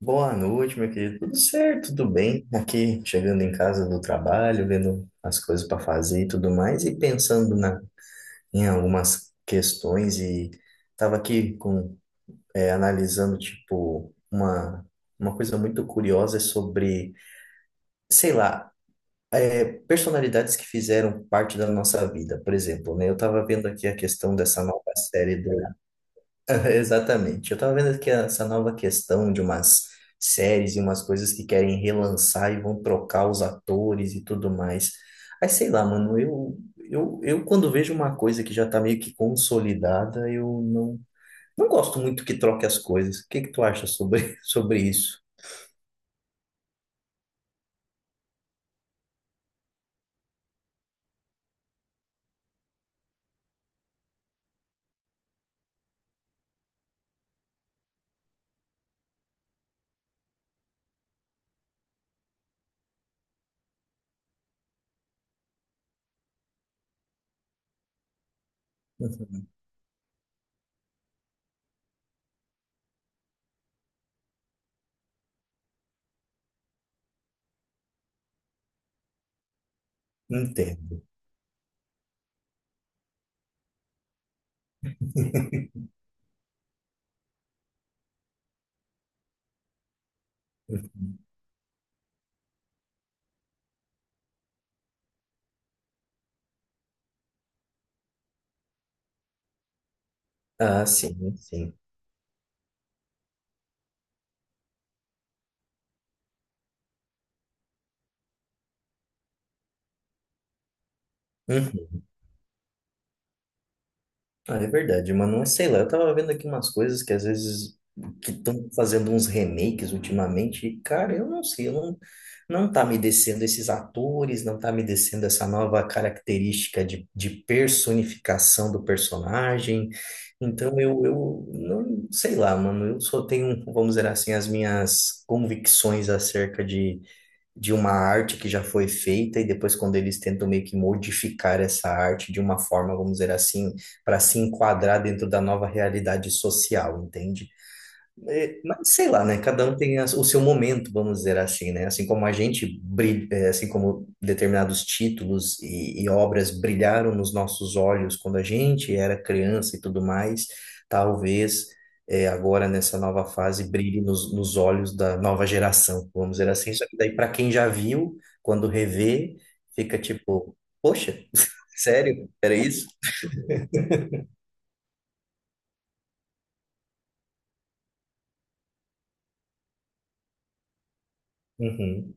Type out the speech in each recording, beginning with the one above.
Boa noite, meu querido. Tudo certo, tudo bem? Aqui chegando em casa do trabalho, vendo as coisas para fazer e tudo mais, e pensando em algumas questões e estava aqui com analisando tipo uma coisa muito curiosa sobre, sei lá, personalidades que fizeram parte da nossa vida, por exemplo, né? Eu estava vendo aqui a questão dessa nova série do Exatamente. Eu tava vendo aqui essa nova questão de umas séries e umas coisas que querem relançar e vão trocar os atores e tudo mais. Aí sei lá, mano, eu quando vejo uma coisa que já tá meio que consolidada, eu não, não gosto muito que troque as coisas. O que que tu acha sobre, sobre isso? Entendo. Ah, sim, sim. Ah, é verdade, mano. Mas sei lá, eu tava vendo aqui umas coisas que às vezes que estão fazendo uns remakes ultimamente, e, cara, eu não sei, eu não, não tá me descendo esses atores, não tá me descendo essa nova característica de personificação do personagem. Então eu não sei lá, mano, eu só tenho, vamos dizer assim, as minhas convicções acerca de uma arte que já foi feita e depois quando eles tentam meio que modificar essa arte de uma forma, vamos dizer assim, para se enquadrar dentro da nova realidade social, entende? É. Mas sei lá, né? Cada um tem o seu momento, vamos dizer assim, né? Assim como a gente brilha, é, assim como determinados títulos e obras brilharam nos nossos olhos quando a gente era criança e tudo mais, talvez agora nessa nova fase brilhe nos olhos da nova geração, vamos dizer assim. Só que daí para quem já viu, quando revê, fica tipo, poxa, sério? Era isso? Uhum,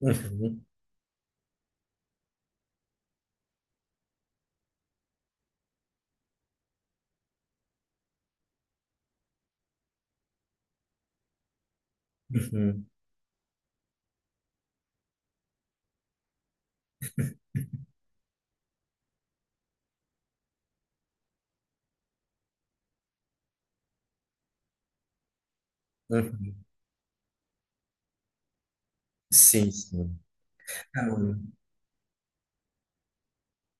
uhum, uhum, uhum. Sim, sim.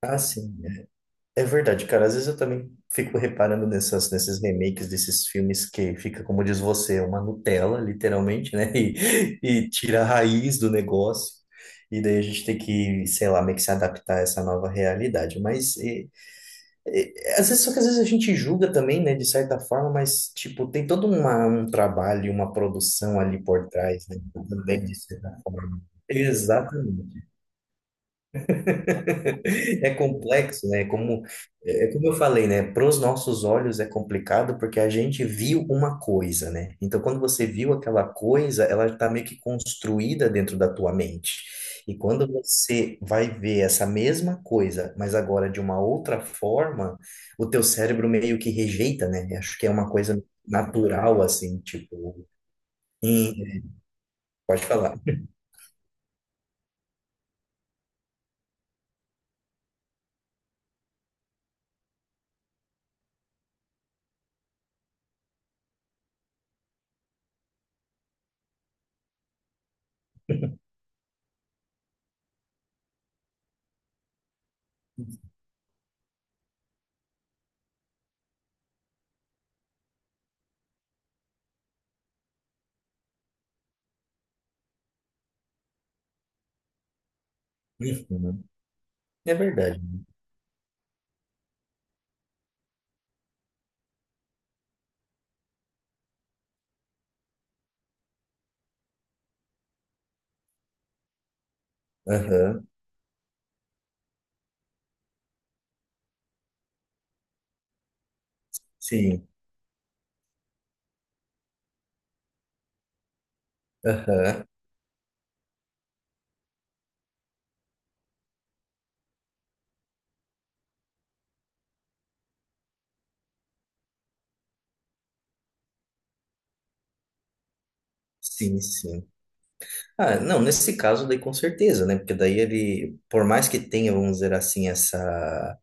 Ah, sim. É. É verdade, cara. Às vezes eu também fico reparando nesses remakes desses filmes que fica, como diz você, uma Nutella, literalmente, né? E tira a raiz do negócio. E daí a gente tem que, sei lá, meio que se adaptar a essa nova realidade. E- Às vezes, só que às vezes a gente julga também, né? De certa forma, mas, tipo, tem um trabalho, uma produção ali por trás, né? Também, de certa forma. Exatamente. É complexo, né? É como eu falei, né? Para os nossos olhos é complicado porque a gente viu uma coisa, né? Então, quando você viu aquela coisa, ela está meio que construída dentro da tua mente. E quando você vai ver essa mesma coisa, mas agora de uma outra forma, o teu cérebro meio que rejeita, né? Eu acho que é uma coisa natural, assim, tipo. em- Pode falar. Uhum. É verdade. Aham. Sim. Aham. Sim, sim. Ah, não, nesse caso daí com certeza, né? Porque daí ele, por mais que tenha, vamos dizer assim,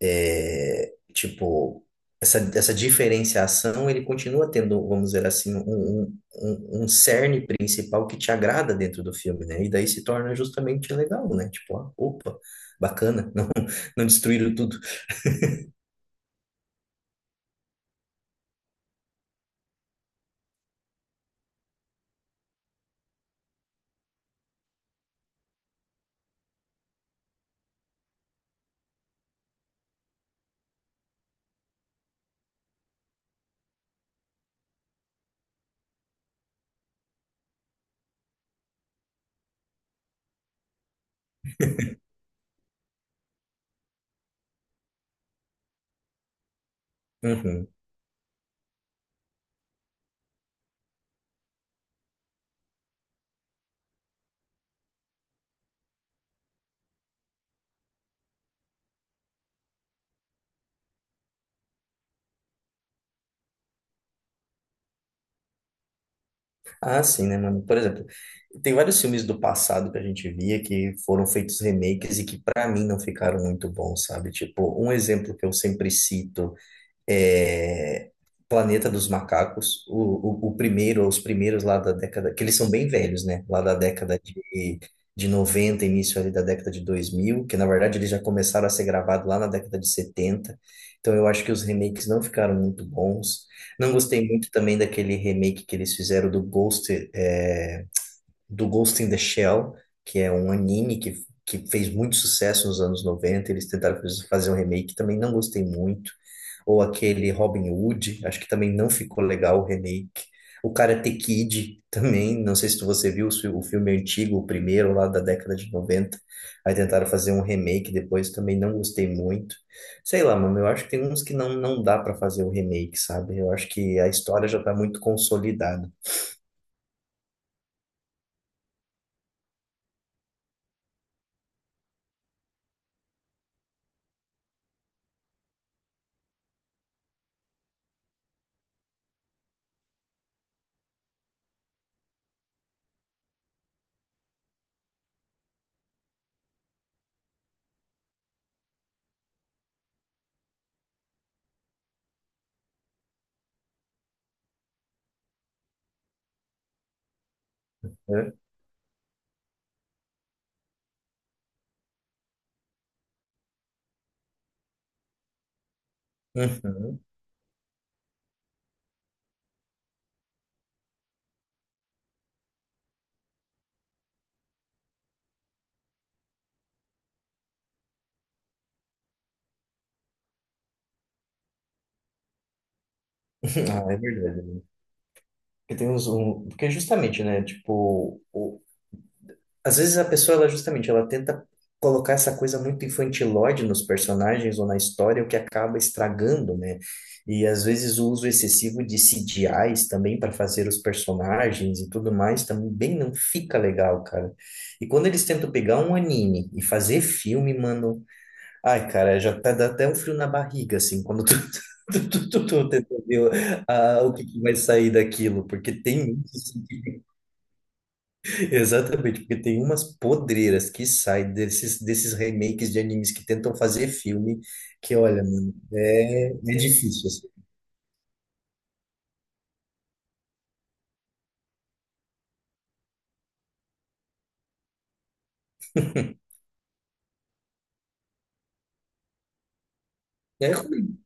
é, tipo, essa, essa diferenciação, ele continua tendo, vamos dizer assim, um cerne principal que te agrada dentro do filme, né? E daí se torna justamente legal, né? Tipo, ah, opa, bacana, não, não destruíram tudo. Uhum. Ah, sim, né, mano? Por exemplo, tem vários filmes do passado que a gente via que foram feitos remakes e que pra mim não ficaram muito bons, sabe? Tipo, um exemplo que eu sempre cito é, Planeta dos Macacos, o primeiro, os primeiros lá da década, que eles são bem velhos, né? Lá da de noventa, início ali da década de 2000, que na verdade eles já começaram a ser gravados lá na década de 70. Então eu acho que os remakes não ficaram muito bons. Não gostei muito também daquele remake que eles fizeram do Ghost, do Ghost in the Shell, que é um anime que fez muito sucesso nos anos noventa. Eles tentaram fazer um remake, também não gostei muito. Ou aquele Robin Hood, acho que também não ficou legal o remake. O Karate Kid também, não sei se você viu o filme antigo, o primeiro lá da década de noventa. Aí tentaram fazer um remake depois, também não gostei muito. Sei lá, mano, eu acho que tem uns que não dá pra fazer o remake, sabe? Eu acho que a história já tá muito consolidada. Né? Uhum. Ah, é verdade. Porque tem porque justamente, né, tipo, às vezes a pessoa, ela justamente, ela tenta colocar essa coisa muito infantilóide nos personagens ou na história, o que acaba estragando, né? E às vezes o uso excessivo de CGIs também para fazer os personagens e tudo mais também não fica legal, cara. E quando eles tentam pegar um anime e fazer filme, mano, ai, cara, já tá, dá até um frio na barriga, assim, quando tu, tu tenta ver o que, que vai sair daquilo, porque tem uns, assim, exatamente, porque tem umas podreiras que saem desses remakes de animes que tentam fazer filme, que olha, mano, é difícil, assim. É ruim.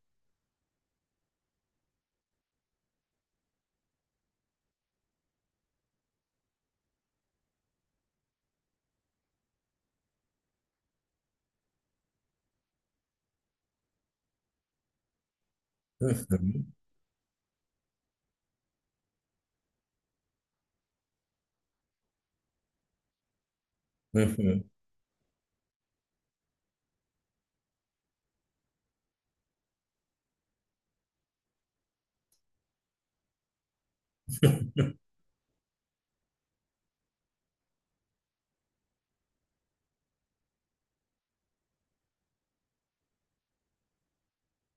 Uhum, uhum,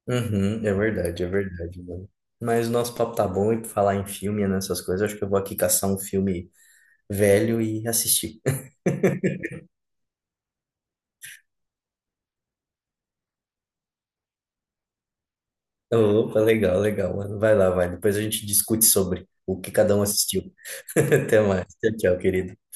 uhum, é verdade, mano. Mas o nosso papo tá bom e pra falar em filme, e nessas coisas, acho que eu vou aqui caçar um filme velho e assistir. Opa, legal, legal, mano. Vai lá, vai. Depois a gente discute sobre o que cada um assistiu. Até mais. Tchau, tchau, querido.